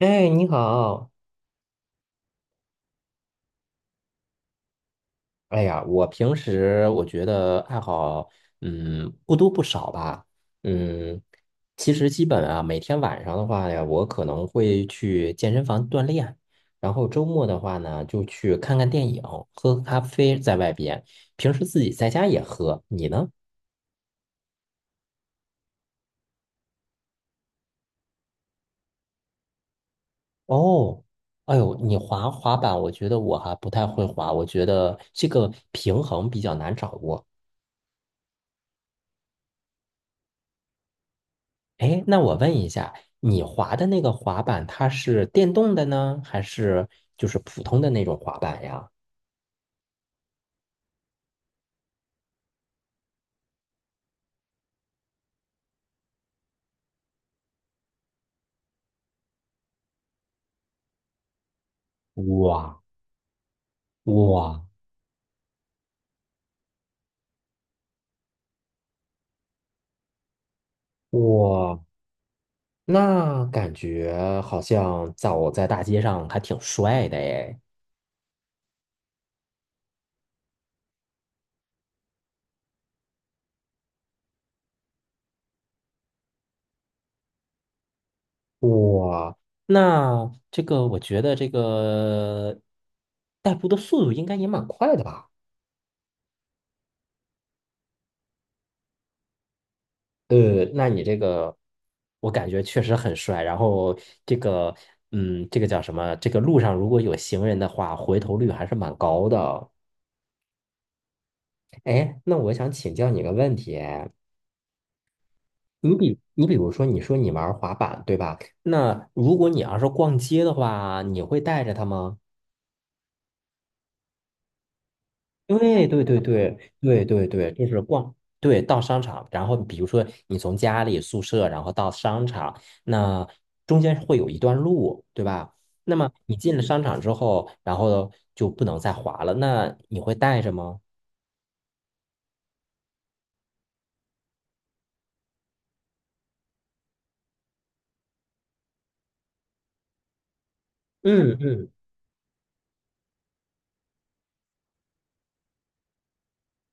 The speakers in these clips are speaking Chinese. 哎，你好！哎呀，我平时我觉得爱好，不多不少吧。嗯，其实基本啊，每天晚上的话呀，我可能会去健身房锻炼，然后周末的话呢，就去看看电影，喝咖啡，在外边。平时自己在家也喝。你呢？哦，哎呦，你滑滑板，我觉得我还不太会滑，我觉得这个平衡比较难掌握。哎，那我问一下，你滑的那个滑板，它是电动的呢，还是就是普通的那种滑板呀？哇哇哇！那感觉好像走在大街上还挺帅的哎。哇，那这个我觉得这个代步的速度应该也蛮快的吧？那你这个，我感觉确实很帅。然后这个，这个叫什么？这个路上如果有行人的话，回头率还是蛮高的。哎，那我想请教你个问题，哎你比如说，你说你玩滑板，对吧？那如果你要是逛街的话，你会带着它吗？对对对对对对对，就是逛，对，到商场，然后比如说你从家里宿舍，然后到商场，那中间会有一段路，对吧？那么你进了商场之后，然后就不能再滑了，那你会带着吗？嗯嗯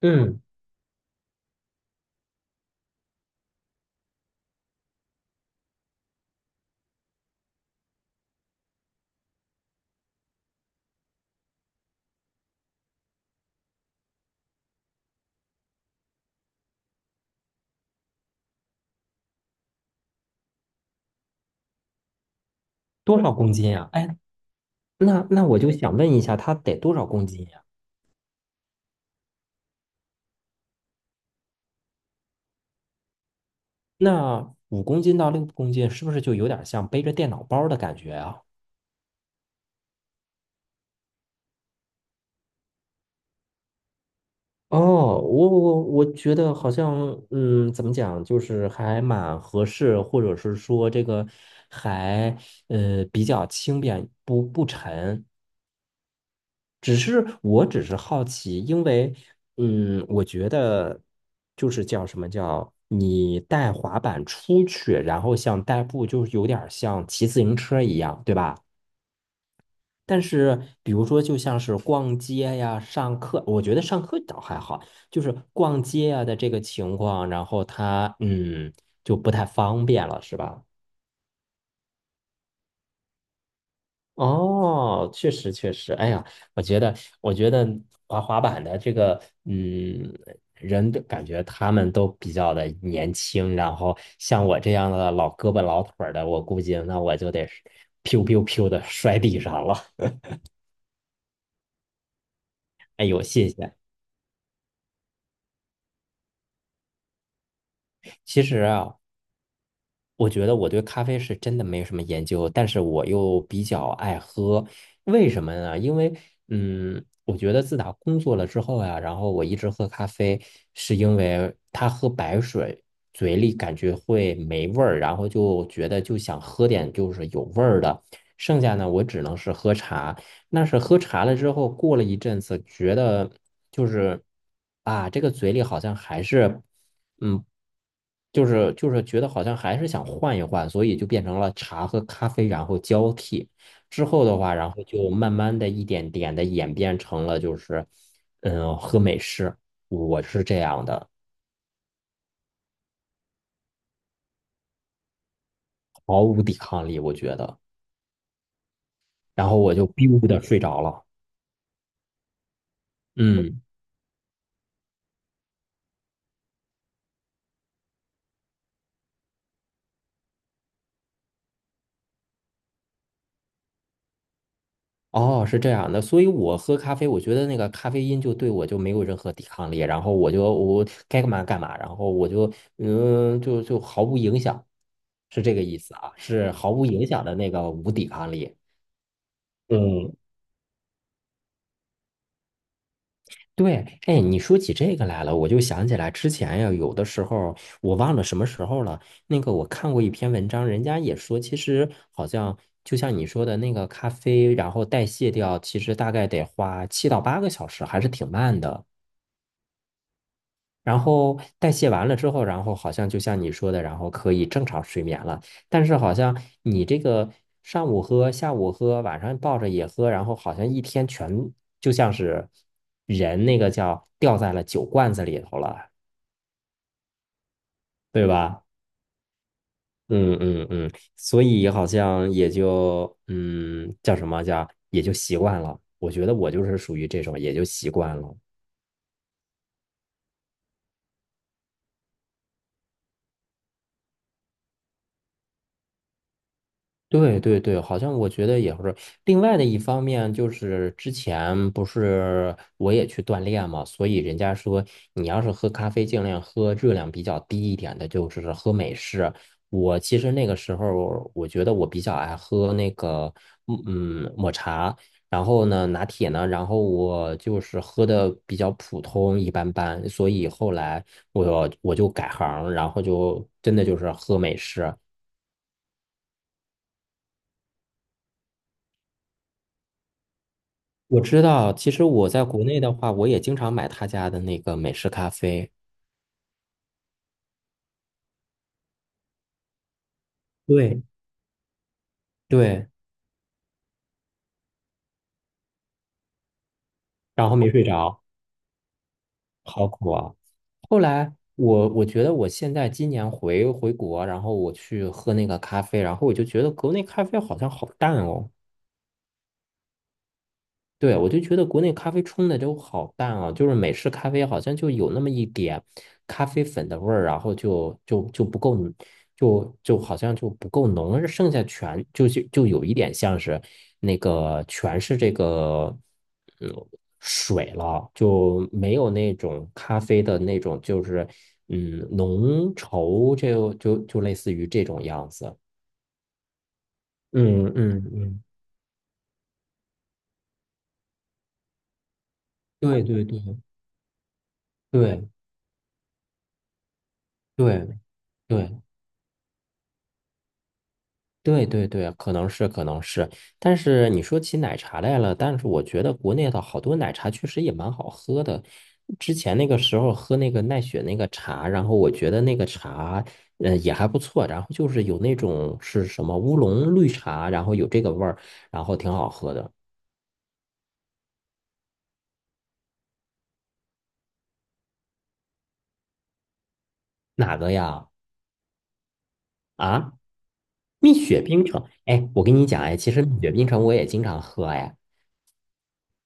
嗯，多少公斤呀？哎，那我就想问一下，它得多少公斤呀？那5公斤到6公斤，是不是就有点像背着电脑包的感觉啊？哦，我觉得好像，怎么讲，就是还蛮合适，或者是说这个还比较轻便，不沉。我只是好奇，因为我觉得就是叫什么叫你带滑板出去，然后像代步，就是有点儿像骑自行车一样，对吧？但是，比如说，就像是逛街呀、上课，我觉得上课倒还好，就是逛街呀的这个情况，然后他就不太方便了，是吧？哦，确实确实，哎呀，我觉得我觉得滑滑板的这个人的感觉他们都比较的年轻，然后像我这样的老胳膊老腿儿的，我估计那我就得是 piu piu piu 的摔地上了。哎呦，谢谢。其实啊，我觉得我对咖啡是真的没有什么研究，但是我又比较爱喝，为什么呢？因为，我觉得自打工作了之后呀，然后我一直喝咖啡，是因为他喝白水，嘴里感觉会没味儿，然后就觉得就想喝点就是有味儿的，剩下呢我只能是喝茶。那是喝茶了之后，过了一阵子，觉得就是啊，这个嘴里好像还是。嗯，就是觉得好像还是想换一换，所以就变成了茶和咖啡，然后交替。之后的话，然后就慢慢的一点点的演变成了就是，喝美式，我是这样的，毫无抵抗力，我觉得。然后我就 biu 的睡着了，嗯。哦，是这样的，所以我喝咖啡，我觉得那个咖啡因就对我就没有任何抵抗力，然后我就我该干嘛干嘛，然后我就就毫无影响，是这个意思啊，是毫无影响的那个无抵抗力。嗯对，哎，你说起这个来了，我就想起来之前呀，有的时候我忘了什么时候了。那个我看过一篇文章，人家也说，其实好像就像你说的那个咖啡，然后代谢掉，其实大概得花7到8个小时，还是挺慢的。然后代谢完了之后，然后好像就像你说的，然后可以正常睡眠了。但是好像你这个上午喝、下午喝、晚上抱着也喝，然后好像一天全就像是人那个叫掉在了酒罐子里头了，对吧？嗯嗯嗯，所以好像也就叫什么叫也就习惯了。我觉得我就是属于这种，也就习惯了。对对对，好像我觉得也是。另外的一方面就是之前不是我也去锻炼嘛，所以人家说你要是喝咖啡，尽量喝热量比较低一点的，就是喝美式。我其实那个时候我觉得我比较爱喝那个嗯抹茶，然后呢拿铁呢，然后我就是喝的比较普通一般般，所以后来我就改行，然后就真的就是喝美式。我知道，其实我在国内的话，我也经常买他家的那个美式咖啡。对对，然后没睡着，好苦啊！后来我觉得我现在今年回国，然后我去喝那个咖啡，然后我就觉得国内咖啡好像好淡哦。对，我就觉得国内咖啡冲的都好淡啊，就是美式咖啡好像就有那么一点咖啡粉的味儿，然后就不够，就好像就不够浓，而剩下全就有一点像是那个全是这个嗯水了，就没有那种咖啡的那种就是浓稠，就类似于这种样子。嗯嗯嗯，对对对对对。对对对对，可能是可能是，但是你说起奶茶来了，但是我觉得国内的好多奶茶确实也蛮好喝的。之前那个时候喝那个奈雪那个茶，然后我觉得那个茶，也还不错。然后就是有那种是什么乌龙绿茶，然后有这个味儿，然后挺好喝的。哪个呀？啊，蜜雪冰城。哎，我跟你讲，哎，其实蜜雪冰城我也经常喝，哎。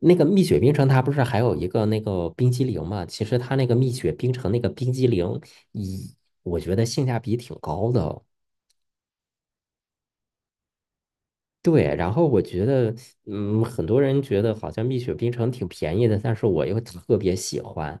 那个蜜雪冰城，它不是还有一个那个冰激凌嘛？其实它那个蜜雪冰城那个冰激凌，以我觉得性价比挺高的哦。对，然后我觉得，很多人觉得好像蜜雪冰城挺便宜的，但是我又特别喜欢，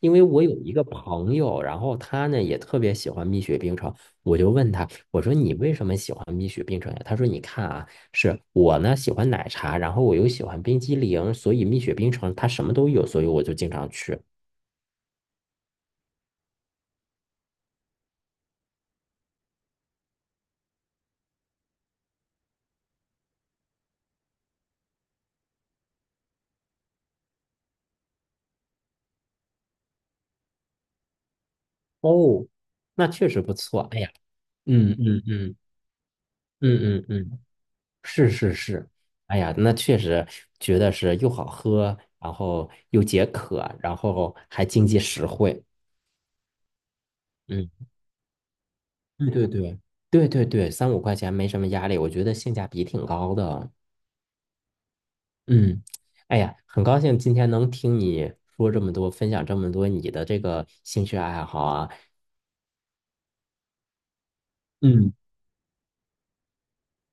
因为我有一个朋友，然后他呢也特别喜欢蜜雪冰城，我就问他，我说你为什么喜欢蜜雪冰城呀？他说你看啊，是我呢喜欢奶茶，然后我又喜欢冰激凌，所以蜜雪冰城它什么都有，所以我就经常去。哦，那确实不错。哎呀，嗯嗯嗯嗯嗯嗯，是是是。哎呀，那确实觉得是又好喝，然后又解渴，然后还经济实惠。嗯，对对对对对对，三五块钱没什么压力，我觉得性价比挺高的。嗯，哎呀，很高兴今天能听你说这么多，分享这么多你的这个兴趣爱好啊。嗯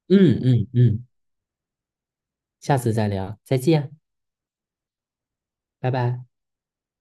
嗯嗯嗯，下次再聊，再见，拜拜。